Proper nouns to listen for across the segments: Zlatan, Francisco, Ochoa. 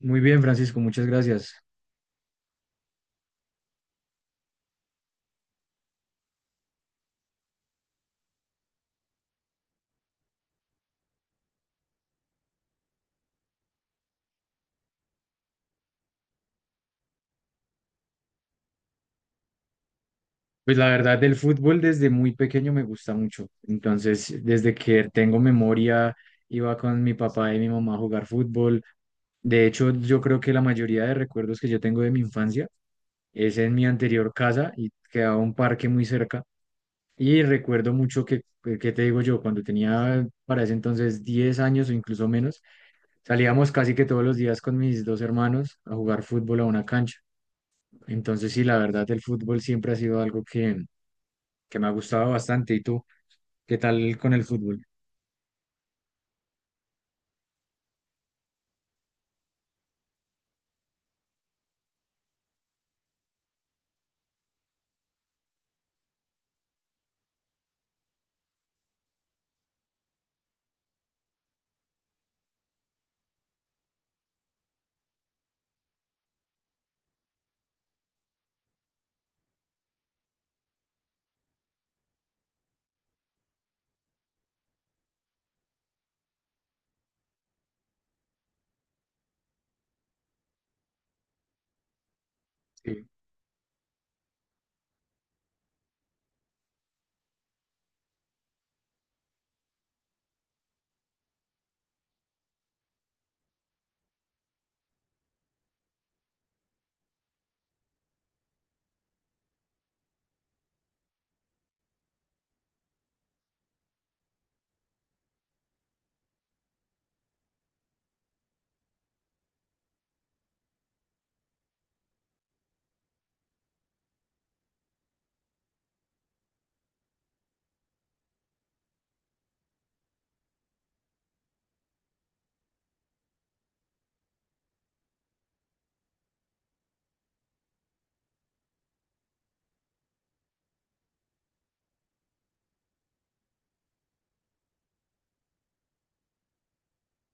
Muy bien, Francisco, muchas gracias. Pues la verdad, del fútbol desde muy pequeño me gusta mucho. Entonces, desde que tengo memoria, iba con mi papá y mi mamá a jugar fútbol. De hecho, yo creo que la mayoría de recuerdos que yo tengo de mi infancia es en mi anterior casa y quedaba un parque muy cerca. Y recuerdo mucho ¿qué te digo yo? Cuando tenía para ese entonces 10 años o incluso menos, salíamos casi que todos los días con mis dos hermanos a jugar fútbol a una cancha. Entonces, sí, la verdad, el fútbol siempre ha sido algo que me ha gustado bastante. ¿Y tú? ¿Qué tal con el fútbol? Sí.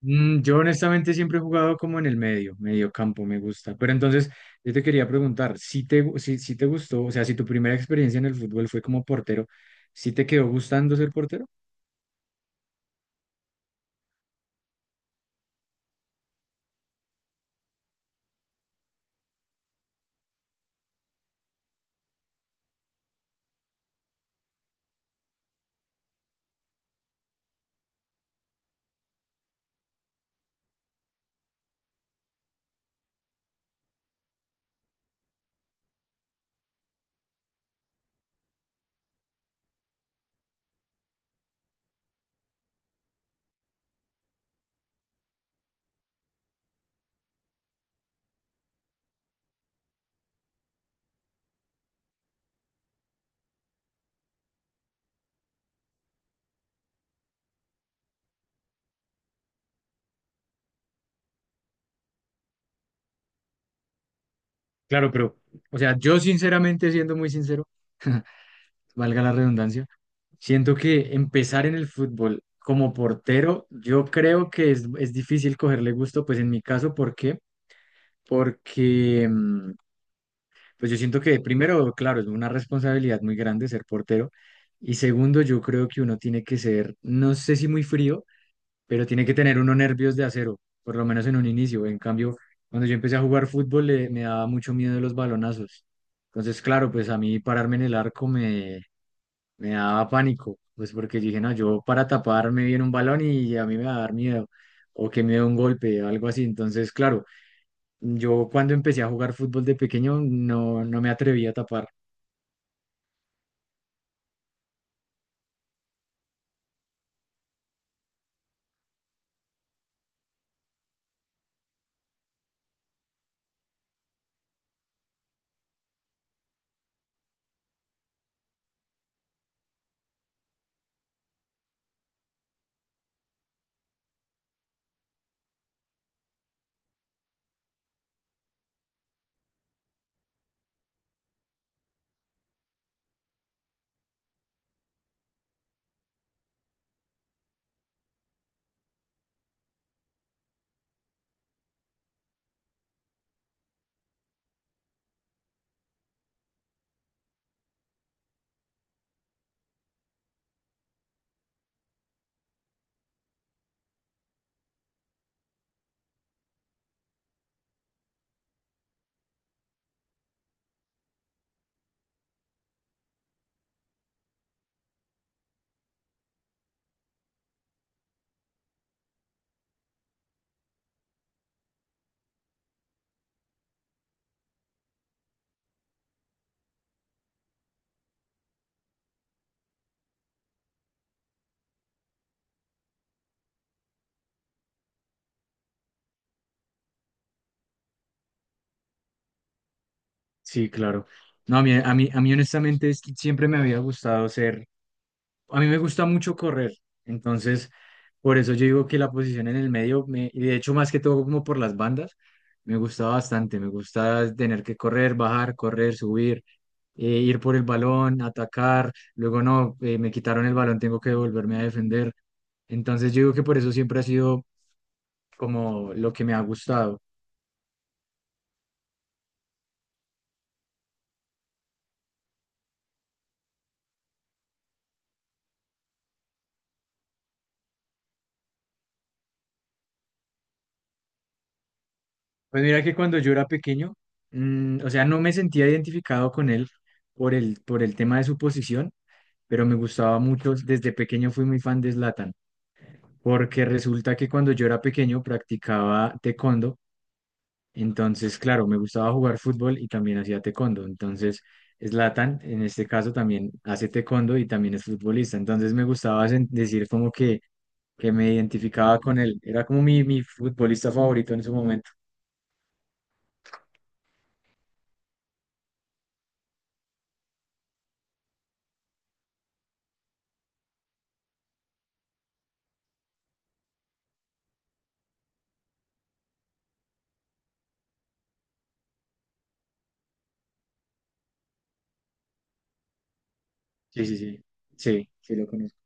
Yo honestamente siempre he jugado como en el medio, medio campo, me gusta. Pero entonces, yo te quería preguntar, si te gustó, o sea, si tu primera experiencia en el fútbol fue como portero, ¿sí te quedó gustando ser portero? Claro, pero, o sea, yo sinceramente, siendo muy sincero, valga la redundancia. Siento que empezar en el fútbol como portero, yo creo que es difícil cogerle gusto, pues en mi caso, ¿por qué? Porque, mm, pues yo siento que primero, claro, es una responsabilidad muy grande ser portero. Y segundo, yo creo que uno tiene que ser, no sé si muy frío, pero tiene que tener unos nervios de acero, por lo menos en un inicio. En cambio, cuando yo empecé a jugar fútbol, me daba mucho miedo los balonazos. Entonces, claro, pues a mí pararme en el arco me me daba pánico, pues porque dije, no, yo para taparme viene un balón y a mí me va a dar miedo, o que me dé un golpe, o algo así. Entonces, claro, yo cuando empecé a jugar fútbol de pequeño no, no me atreví a tapar. Sí, claro. No, a mí honestamente siempre me había gustado ser A mí me gusta mucho correr, entonces por eso yo digo que la posición en el medio, y de hecho más que todo como por las bandas, me gusta bastante, me gusta tener que correr, bajar, correr, subir, ir por el balón, atacar, luego no, me quitaron el balón, tengo que volverme a defender. Entonces yo digo que por eso siempre ha sido como lo que me ha gustado. Pues mira que cuando yo era pequeño, o sea, no me sentía identificado con él por el tema de su posición, pero me gustaba mucho. Desde pequeño fui muy fan de Zlatan, porque resulta que cuando yo era pequeño practicaba taekwondo, entonces, claro, me gustaba jugar fútbol y también hacía taekwondo. Entonces, Zlatan, en este caso, también hace taekwondo y también es futbolista. Entonces, me gustaba decir como que me identificaba con él. Era como mi futbolista favorito en ese momento. Sí, sí, sí. Sí, sí lo conozco.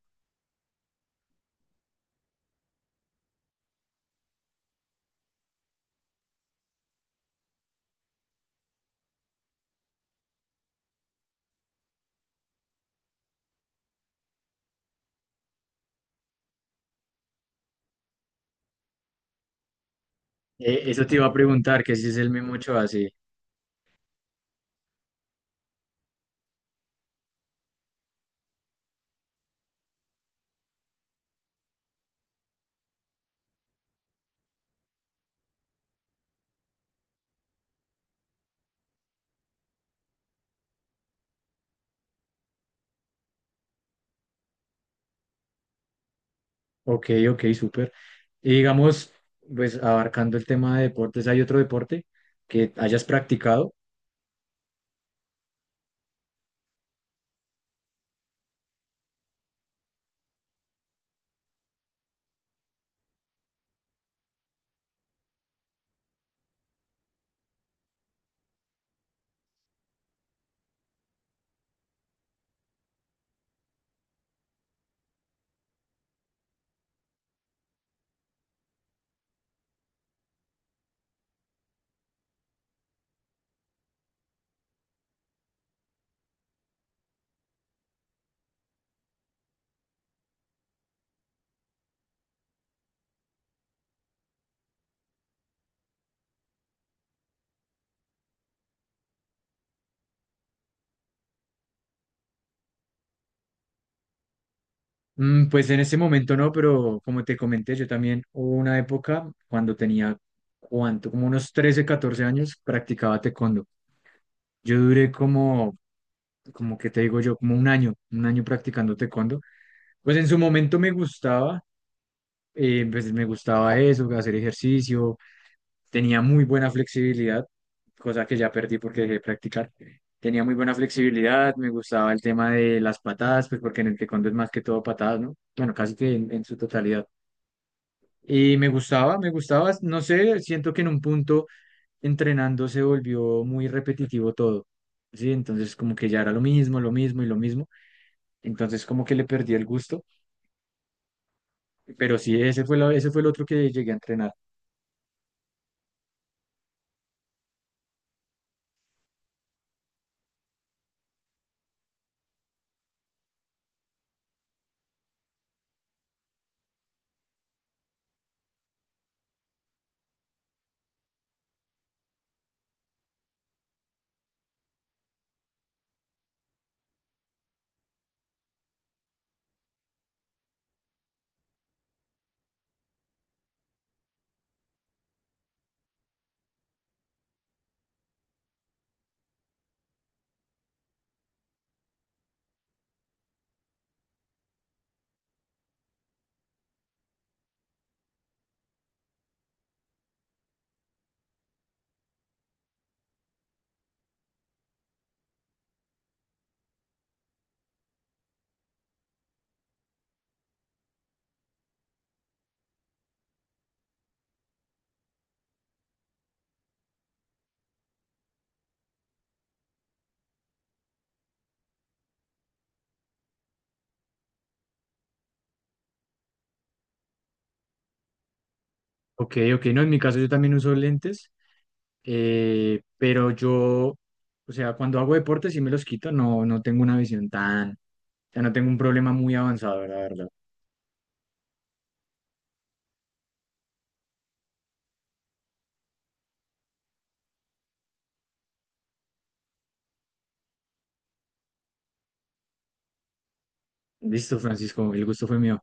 Eso te iba a preguntar, que si es el mismo Ochoa, sí. Ok, ok, súper. Y digamos, pues abarcando el tema de deportes, ¿hay otro deporte que hayas practicado? Pues en ese momento no, pero como te comenté, yo también hubo una época cuando tenía, ¿cuánto? Como unos 13 14 años, practicaba taekwondo. Yo duré como, que te digo yo, como un año practicando taekwondo. Pues en su momento me gustaba, pues me gustaba eso, hacer ejercicio, tenía muy buena flexibilidad, cosa que ya perdí porque dejé de practicar. Tenía muy buena flexibilidad, me gustaba el tema de las patadas, pues porque en el taekwondo es más que todo patadas, ¿no? Bueno, casi que en su totalidad. Y me gustaba, no sé, siento que en un punto entrenando se volvió muy repetitivo todo, ¿sí? Entonces como que ya era lo mismo y lo mismo, entonces como que le perdí el gusto, pero sí, ese fue, ese fue el otro que llegué a entrenar. Ok, ok, no, en mi caso yo también uso lentes. Pero yo, o sea, cuando hago deporte sí me los quito, no, no tengo una visión tan, o sea, no tengo un problema muy avanzado, la verdad. Listo, Francisco, el gusto fue mío.